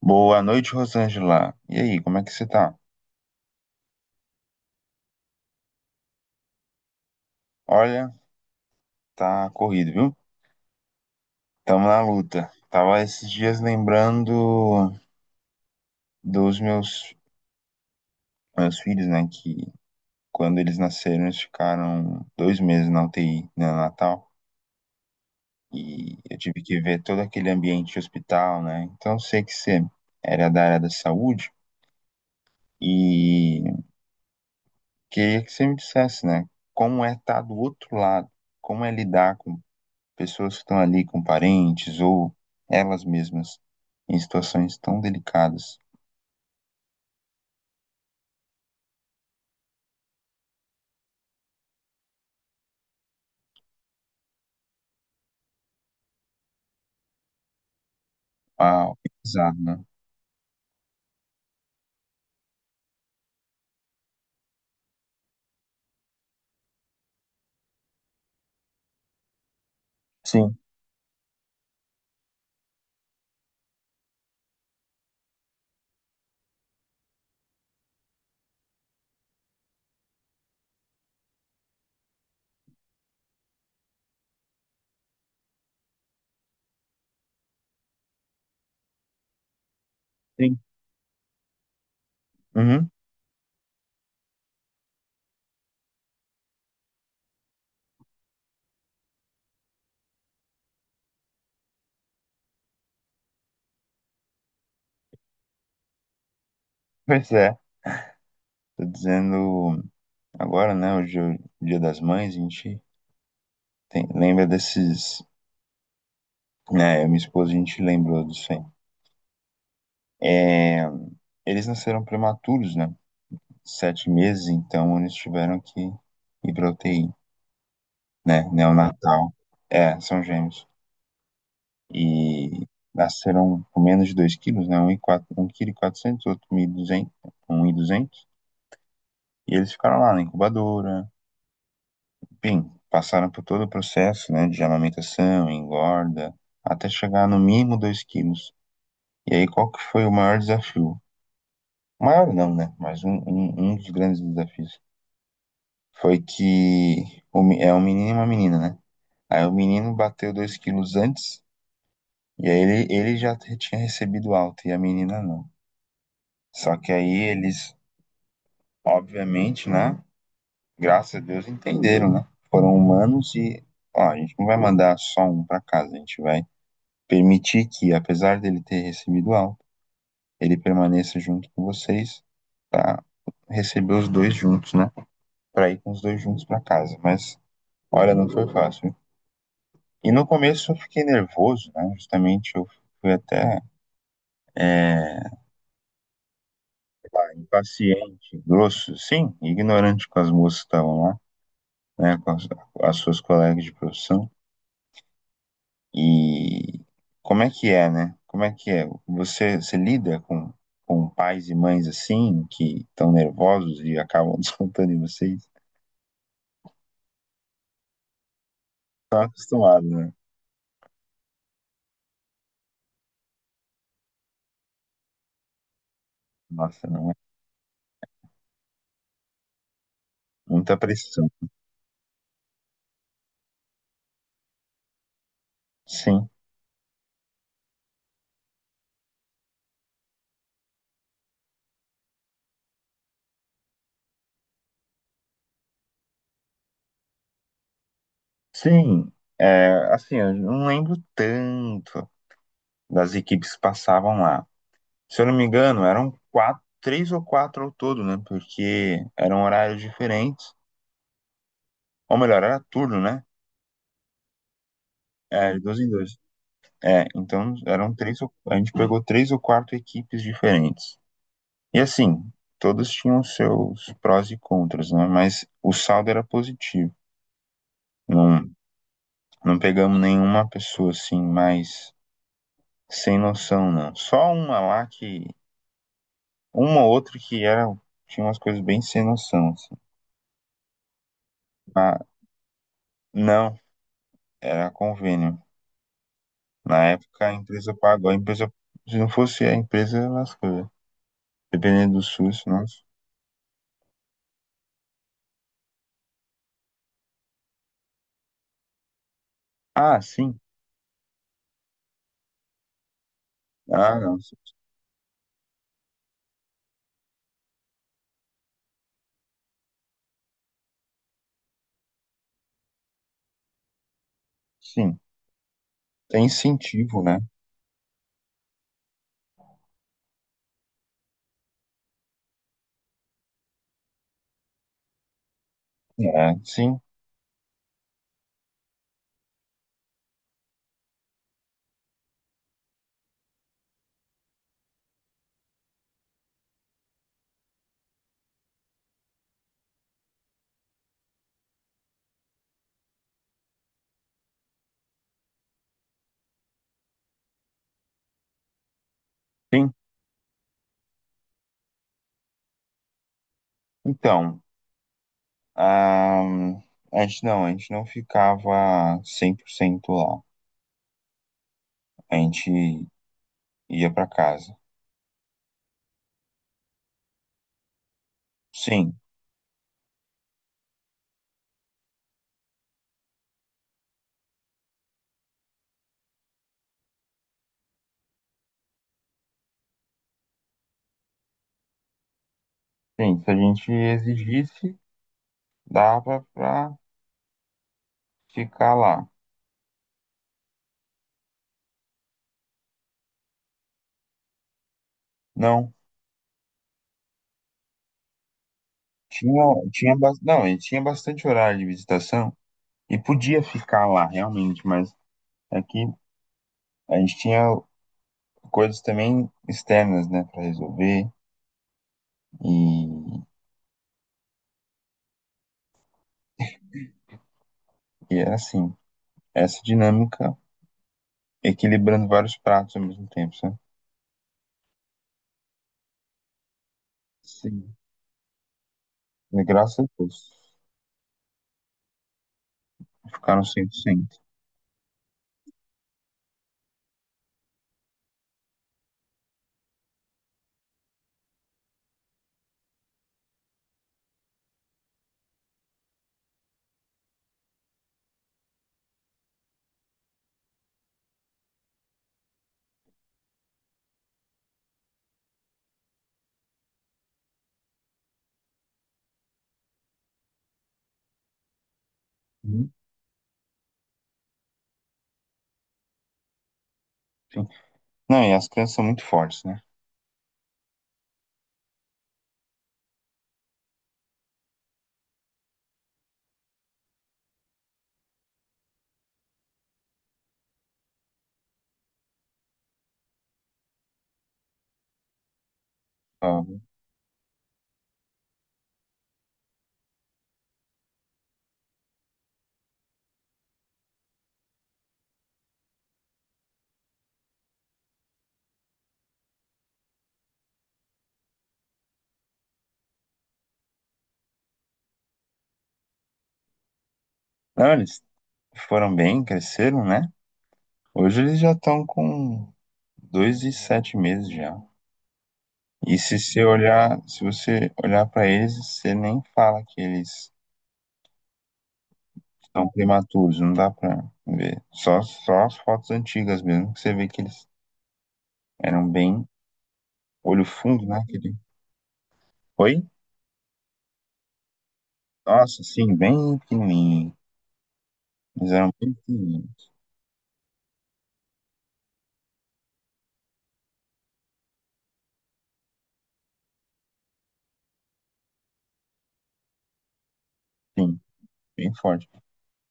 Boa noite, Rosângela. E aí, como é que você tá? Olha, tá corrido, viu? Tamo na luta. Tava esses dias lembrando dos meus filhos, né? Que quando eles nasceram, eles ficaram 2 meses na UTI, né, no Natal. E eu tive que ver todo aquele ambiente de hospital, né? Então, eu sei que você era da área da saúde e queria que você me dissesse, né? Como é estar do outro lado? Como é lidar com pessoas que estão ali com parentes ou elas mesmas em situações tão delicadas. Uau, que bizarro, né? Sim, sim. Uhum. Pois é. Tô dizendo agora, né? Hoje é o Dia das Mães, a gente lembra desses. Né, eu e minha esposa, a gente lembrou disso aí. É, eles nasceram prematuros, né? 7 meses, então eles tiveram que ir pra UTI, né? Neonatal. É, são gêmeos. E nasceram com menos de 2 quilos, né? Um 1.400, quatrocentos, outro 1.200, 1.200. E eles ficaram lá na incubadora, enfim, passaram por todo o processo, né, de amamentação, engorda, até chegar no mínimo 2 quilos. E aí, qual que foi o maior desafio? Maior não, né? Mas um dos grandes desafios foi que é um menino e uma menina, né? Aí o menino bateu 2 quilos antes, e aí ele já tinha recebido alta, e a menina não. Só que aí eles... Obviamente, né? Graças a Deus entenderam, né? Foram humanos e, ó, a gente não vai mandar só um para casa, a gente vai permitir que, apesar dele ter recebido alta, ele permaneça junto com vocês para receber os dois juntos, né? Para ir com os dois juntos para casa. Mas, olha, não foi fácil. E no começo eu fiquei nervoso, né? Justamente eu fui até é, impaciente, grosso, sim, ignorante com as moças que estavam lá, né? Com as suas colegas de profissão. E como é que é, né? Como é que é? Você lida com pais e mães assim, que estão nervosos e acabam descontando em vocês? Tá acostumado, né? Nossa, não é muita pressão. Sim. Sim, assim, eu não lembro tanto das equipes que passavam lá. Se eu não me engano, eram quatro, três ou quatro ao todo, né? Porque eram horários diferentes. Ou melhor, era turno, né? É, de dois em dois. É, então eram três, a gente pegou três ou quatro equipes diferentes. E assim, todas tinham seus prós e contras, né? Mas o saldo era positivo. Não, não pegamos nenhuma pessoa assim mais sem noção, não. Só uma lá que, uma ou outra que era, tinha umas coisas bem sem noção, assim. Ah, não, era convênio. Na época a empresa pagou. A empresa, se não fosse a empresa, lascou, né? Dependendo do SUS, nossa. Ah, sim. Ah, não. Sim, é incentivo, né? É, sim, sim. Então, ah, a gente não ficava 100% lá. A gente ia para casa. Sim, sim, se a gente exigisse, dava para ficar lá. Não, tinha, não, a gente tinha bastante horário de visitação e podia ficar lá realmente, mas aqui a gente tinha coisas também externas, né, para resolver e, e era assim, essa dinâmica equilibrando vários pratos ao mesmo tempo, sabe? Sim. E graças a Deus, ficaram 100%. Uhum. Sim. Não, e as crianças são muito fortes, né? Ah, não, eles foram bem, cresceram, né? Hoje eles já estão com dois e sete meses já. E se você olhar, se você olhar para eles, você nem fala que eles estão prematuros, não dá pra ver. Só as fotos antigas mesmo, que você vê que eles eram bem olho fundo, né? Aquele... Oi? Nossa, sim, bem pequenininho. Eles eram bem fininhos, sim, bem forte.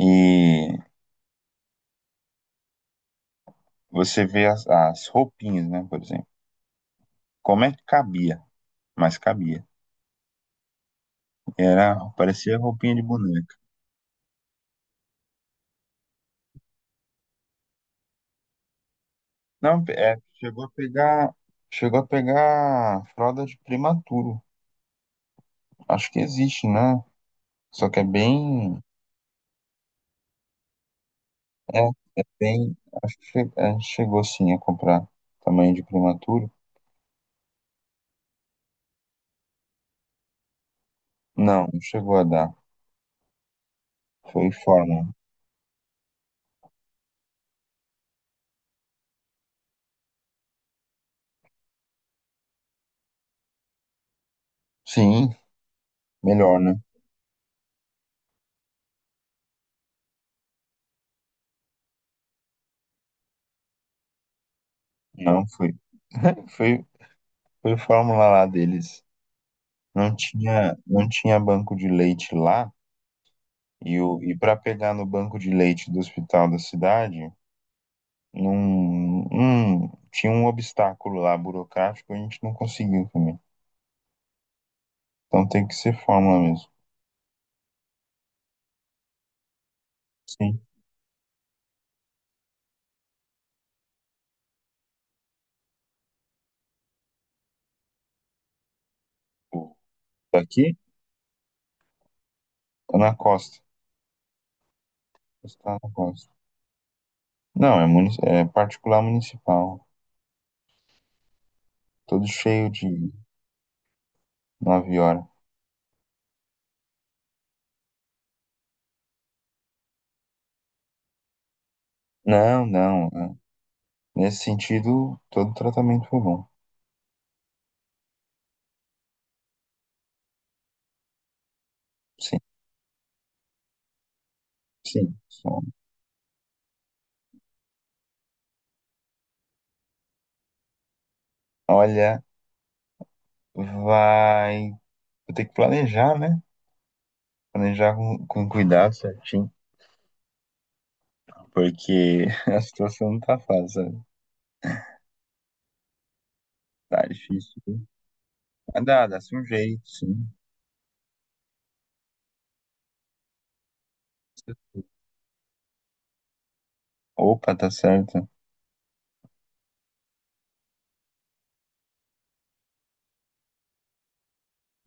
E você vê as roupinhas, né, por exemplo. Como é que cabia? Mas cabia. Era, parecia roupinha de boneca. Não, chegou a pegar fralda de prematuro. Acho que existe, né? Só que é bem, é, é bem, acho que chegou sim a comprar tamanho de prematuro. Não, não chegou a dar. Foi forma. Sim, melhor, né? Não, foi. Foi Foi fórmula lá deles. Não tinha banco de leite lá. E para pegar no banco de leite do hospital da cidade, não, tinha um obstáculo lá burocrático, a gente não conseguiu também. Então tem que ser fórmula mesmo. Sim. O- Daqui? Tá na costa. Está na costa. Não, é particular municipal. Todo cheio de 9 horas. Não, não. É. Nesse sentido, todo tratamento foi bom. Sim, sim. Olha. Vai vou ter que planejar, né? Planejar com cuidado certinho, porque a situação não tá fácil, sabe? Tá difícil. Mas dá-se um jeito, sim. Opa, tá certo.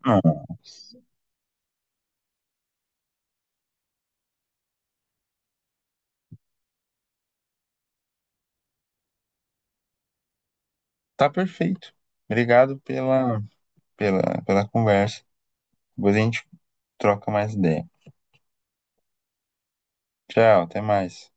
Não, tá perfeito. Obrigado pela conversa. Depois a gente troca mais ideia. Tchau, até mais.